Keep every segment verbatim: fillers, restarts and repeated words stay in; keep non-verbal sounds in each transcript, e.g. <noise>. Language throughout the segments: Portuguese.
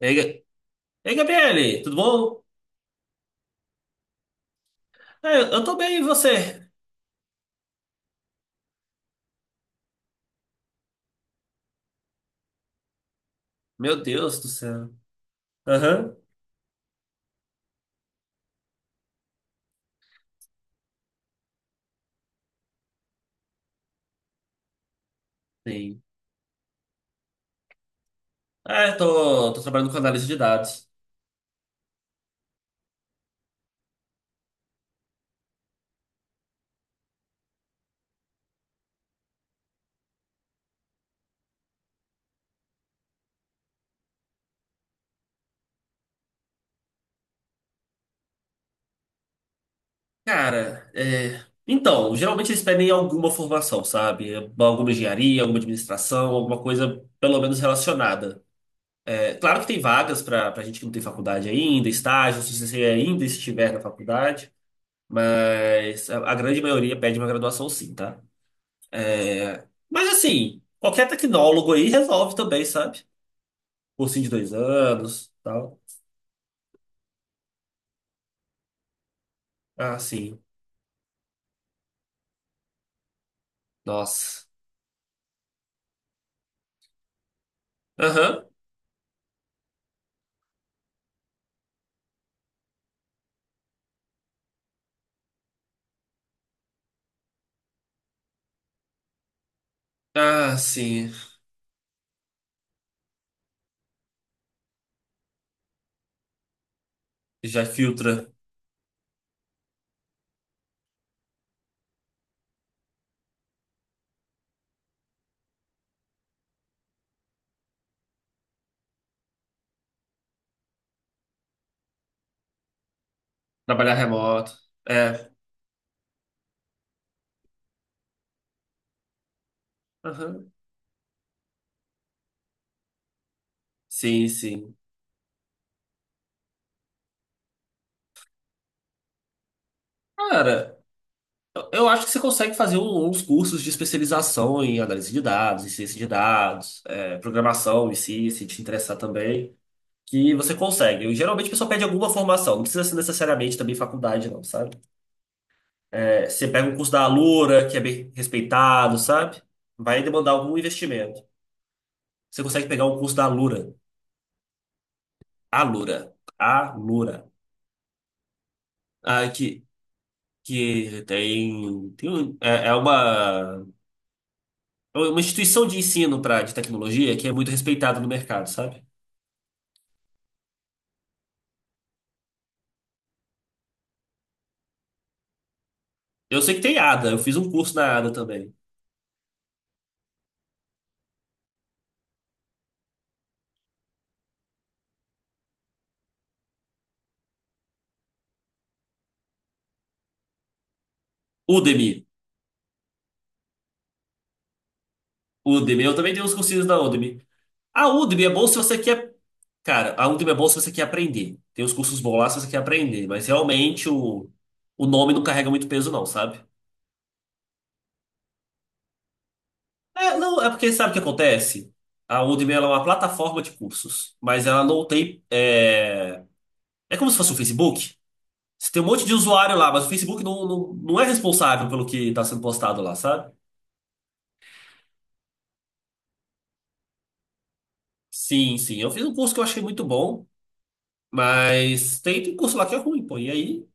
Ei, Ga- ei, Gabriele, tudo bom? É, eu tô bem, e você? Meu Deus do céu. Aham, sim. É, tô, tô trabalhando com análise de dados. Cara, é... Então, geralmente eles pedem alguma formação, sabe? Alguma engenharia, alguma administração, alguma coisa pelo menos relacionada. É, claro que tem vagas pra, pra gente que não tem faculdade ainda, estágio, se você ainda estiver na faculdade, mas a, a grande maioria pede uma graduação sim, tá? Mas assim, qualquer tecnólogo aí resolve também, sabe? Cursinho de dois anos, tal. Ah, sim. Nossa. Aham. Ah, sim. Já filtra. Trabalhar remoto. É. Aham. Sim, sim. Cara, eu eu acho que você consegue fazer um- uns cursos de especialização em análise de dados, em ciência de dados, é, programação em si, se te interessar também, que você consegue. Eu, geralmente a pessoa pede alguma formação, não precisa ser necessariamente também faculdade, não, sabe? É, você pega um curso da Alura, que é bem respeitado, sabe? Vai demandar algum investimento. Você consegue pegar um curso da Alura. Alura. Alura. Ah, que, que tem, tem um- é, é uma, é uma instituição de ensino pra, de tecnologia que é muito respeitada no mercado, sabe? Eu sei que tem ADA, eu fiz um curso na ADA também. Udemy. Udemy, eu também tenho uns cursinhos na Udemy. A Udemy é bom se você quer. Cara, a Udemy é bom se você quer aprender. Tem uns cursos bons lá se você quer aprender, mas realmente o, o nome não carrega muito peso, não, sabe? É, não, é porque sabe o que acontece? A Udemy ela é uma plataforma de cursos, mas ela não tem. É, é como se fosse o Facebook. Você tem um monte de usuário lá, mas o Facebook não, não, não é responsável pelo que está sendo postado lá, sabe? Sim, sim. Eu fiz um curso que eu achei muito bom, mas tem, tem curso lá que é ruim, pô. E aí?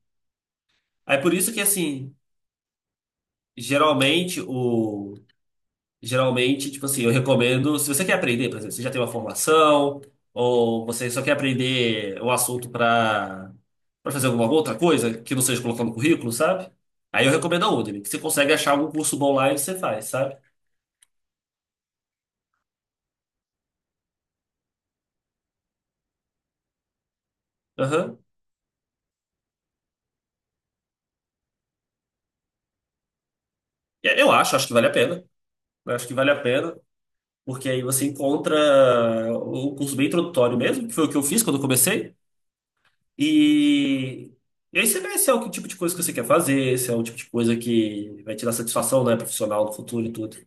É por isso que, assim, geralmente o. Geralmente, tipo assim, eu recomendo, se você quer aprender, por exemplo, você já tem uma formação, ou você só quer aprender o assunto para para fazer alguma outra coisa que não seja colocar no currículo, sabe? Aí eu recomendo a Udemy, que você consegue achar algum curso bom lá e você faz, sabe? Aham. E Eu acho, acho que vale a pena. Eu acho que vale a pena, porque aí você encontra um curso bem introdutório mesmo, que foi o que eu fiz quando eu comecei. E, e aí você vê se é o que tipo de coisa que você quer fazer, se é o tipo de coisa que vai te dar satisfação, né, profissional no futuro e tudo.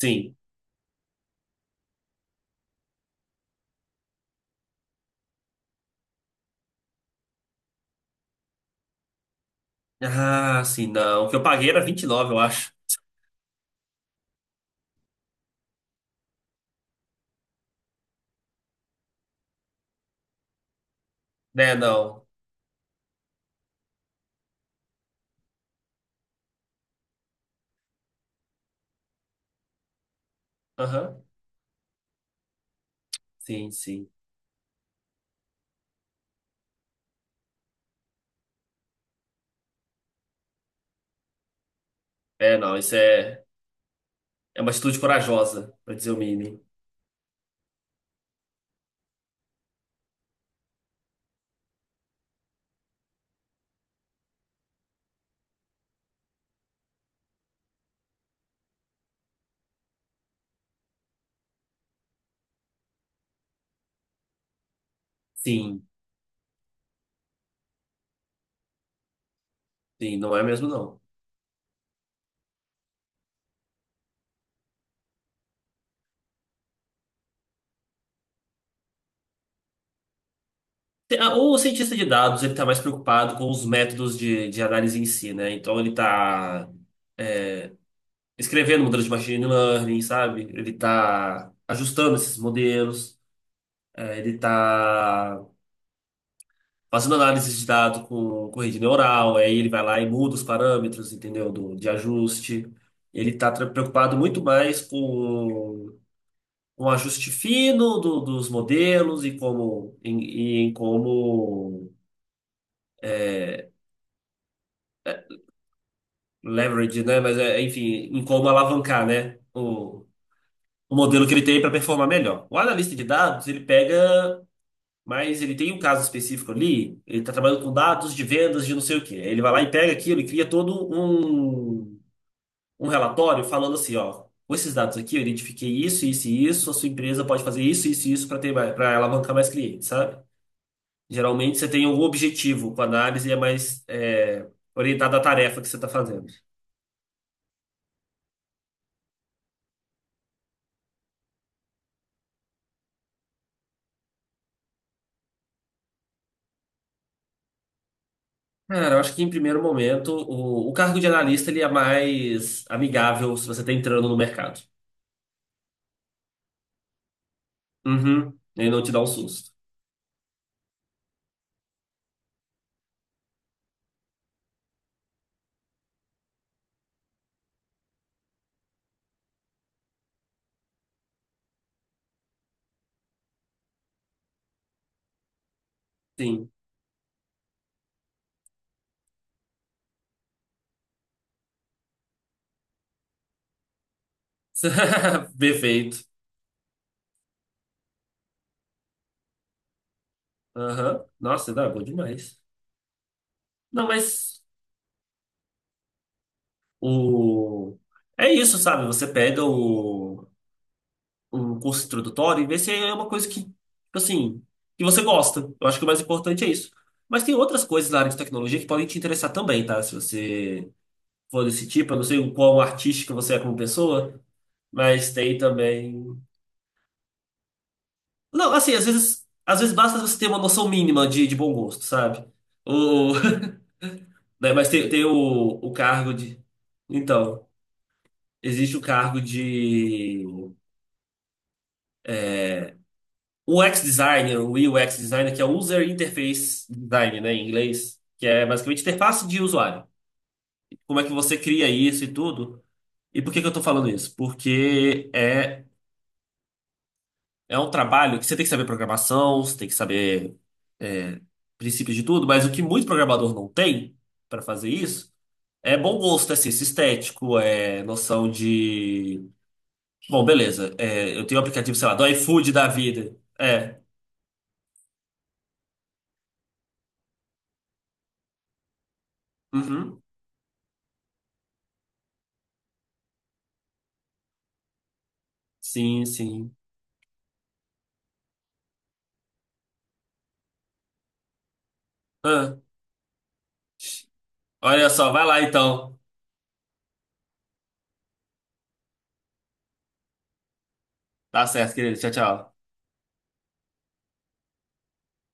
Sim. Ah, sim, não. O que eu paguei era vinte e nove eu acho. Né, não. Aham. Sim, sim. É, não, isso é, é uma atitude corajosa, pra dizer o mínimo. Sim, sim, não é mesmo, não. Te- ah, O cientista de dados, ele tá mais preocupado com os métodos de, de análise em si, né? Então ele tá é, escrevendo modelos de machine learning, sabe? Ele está ajustando esses modelos, é, ele está fazendo análise de dados com, com rede neural, aí ele vai lá e muda os parâmetros, entendeu? Do, de ajuste. Ele está preocupado muito mais com o ajuste fino do- dos modelos e como, em, e em como é, leverage, né? Mas, é, enfim, em como alavancar, né? O, o modelo que ele tem para performar melhor. O analista de dados, ele pega mas ele tem um caso específico ali, ele está trabalhando com dados de vendas de não sei o quê. Aí ele vai lá e pega aquilo e cria todo um, um relatório falando assim, ó, com esses dados aqui eu identifiquei isso, isso e isso, a sua empresa pode fazer isso, isso e isso para ter para alavancar mais clientes, sabe? Geralmente você tem algum objetivo com a análise e é mais é, orientada à tarefa que você está fazendo. Cara, eu acho que em primeiro momento o, o cargo de analista ele é mais amigável se você está entrando no mercado. Uhum. Ele não te dá um susto. Sim. <laughs> Perfeito. Aham. Nossa, não, é bom demais. Não, mas o... É isso, sabe? Você pega o... um curso introdutório e vê se é uma coisa que, tipo assim, que você gosta. Eu acho que o mais importante é isso. Mas tem outras coisas na área de tecnologia que podem te interessar também, tá? Se você for desse tipo, eu não sei o quão artística você é como pessoa, mas tem também... Não, assim, às vezes, às vezes basta você ter uma noção mínima de, de bom gosto, sabe? O... <laughs> Né, mas tem, tem o, o cargo de. Então, existe o cargo de U X designer, o U X designer, que é User Interface Design, né, em inglês, que é basicamente interface de usuário. Como é que você cria isso e tudo? E por que que eu tô falando isso? Porque é, é um trabalho que você tem que saber programação, você tem que saber é, princípios de tudo, mas o que muito programador não tem para fazer isso é bom gosto, é senso estético, é noção de bom, beleza. É, eu tenho um aplicativo, sei lá, do iFood da vida. É. Uhum. Sim, sim. Ah, olha só, vai lá então. Tá certo, querido. Tchau, tchau.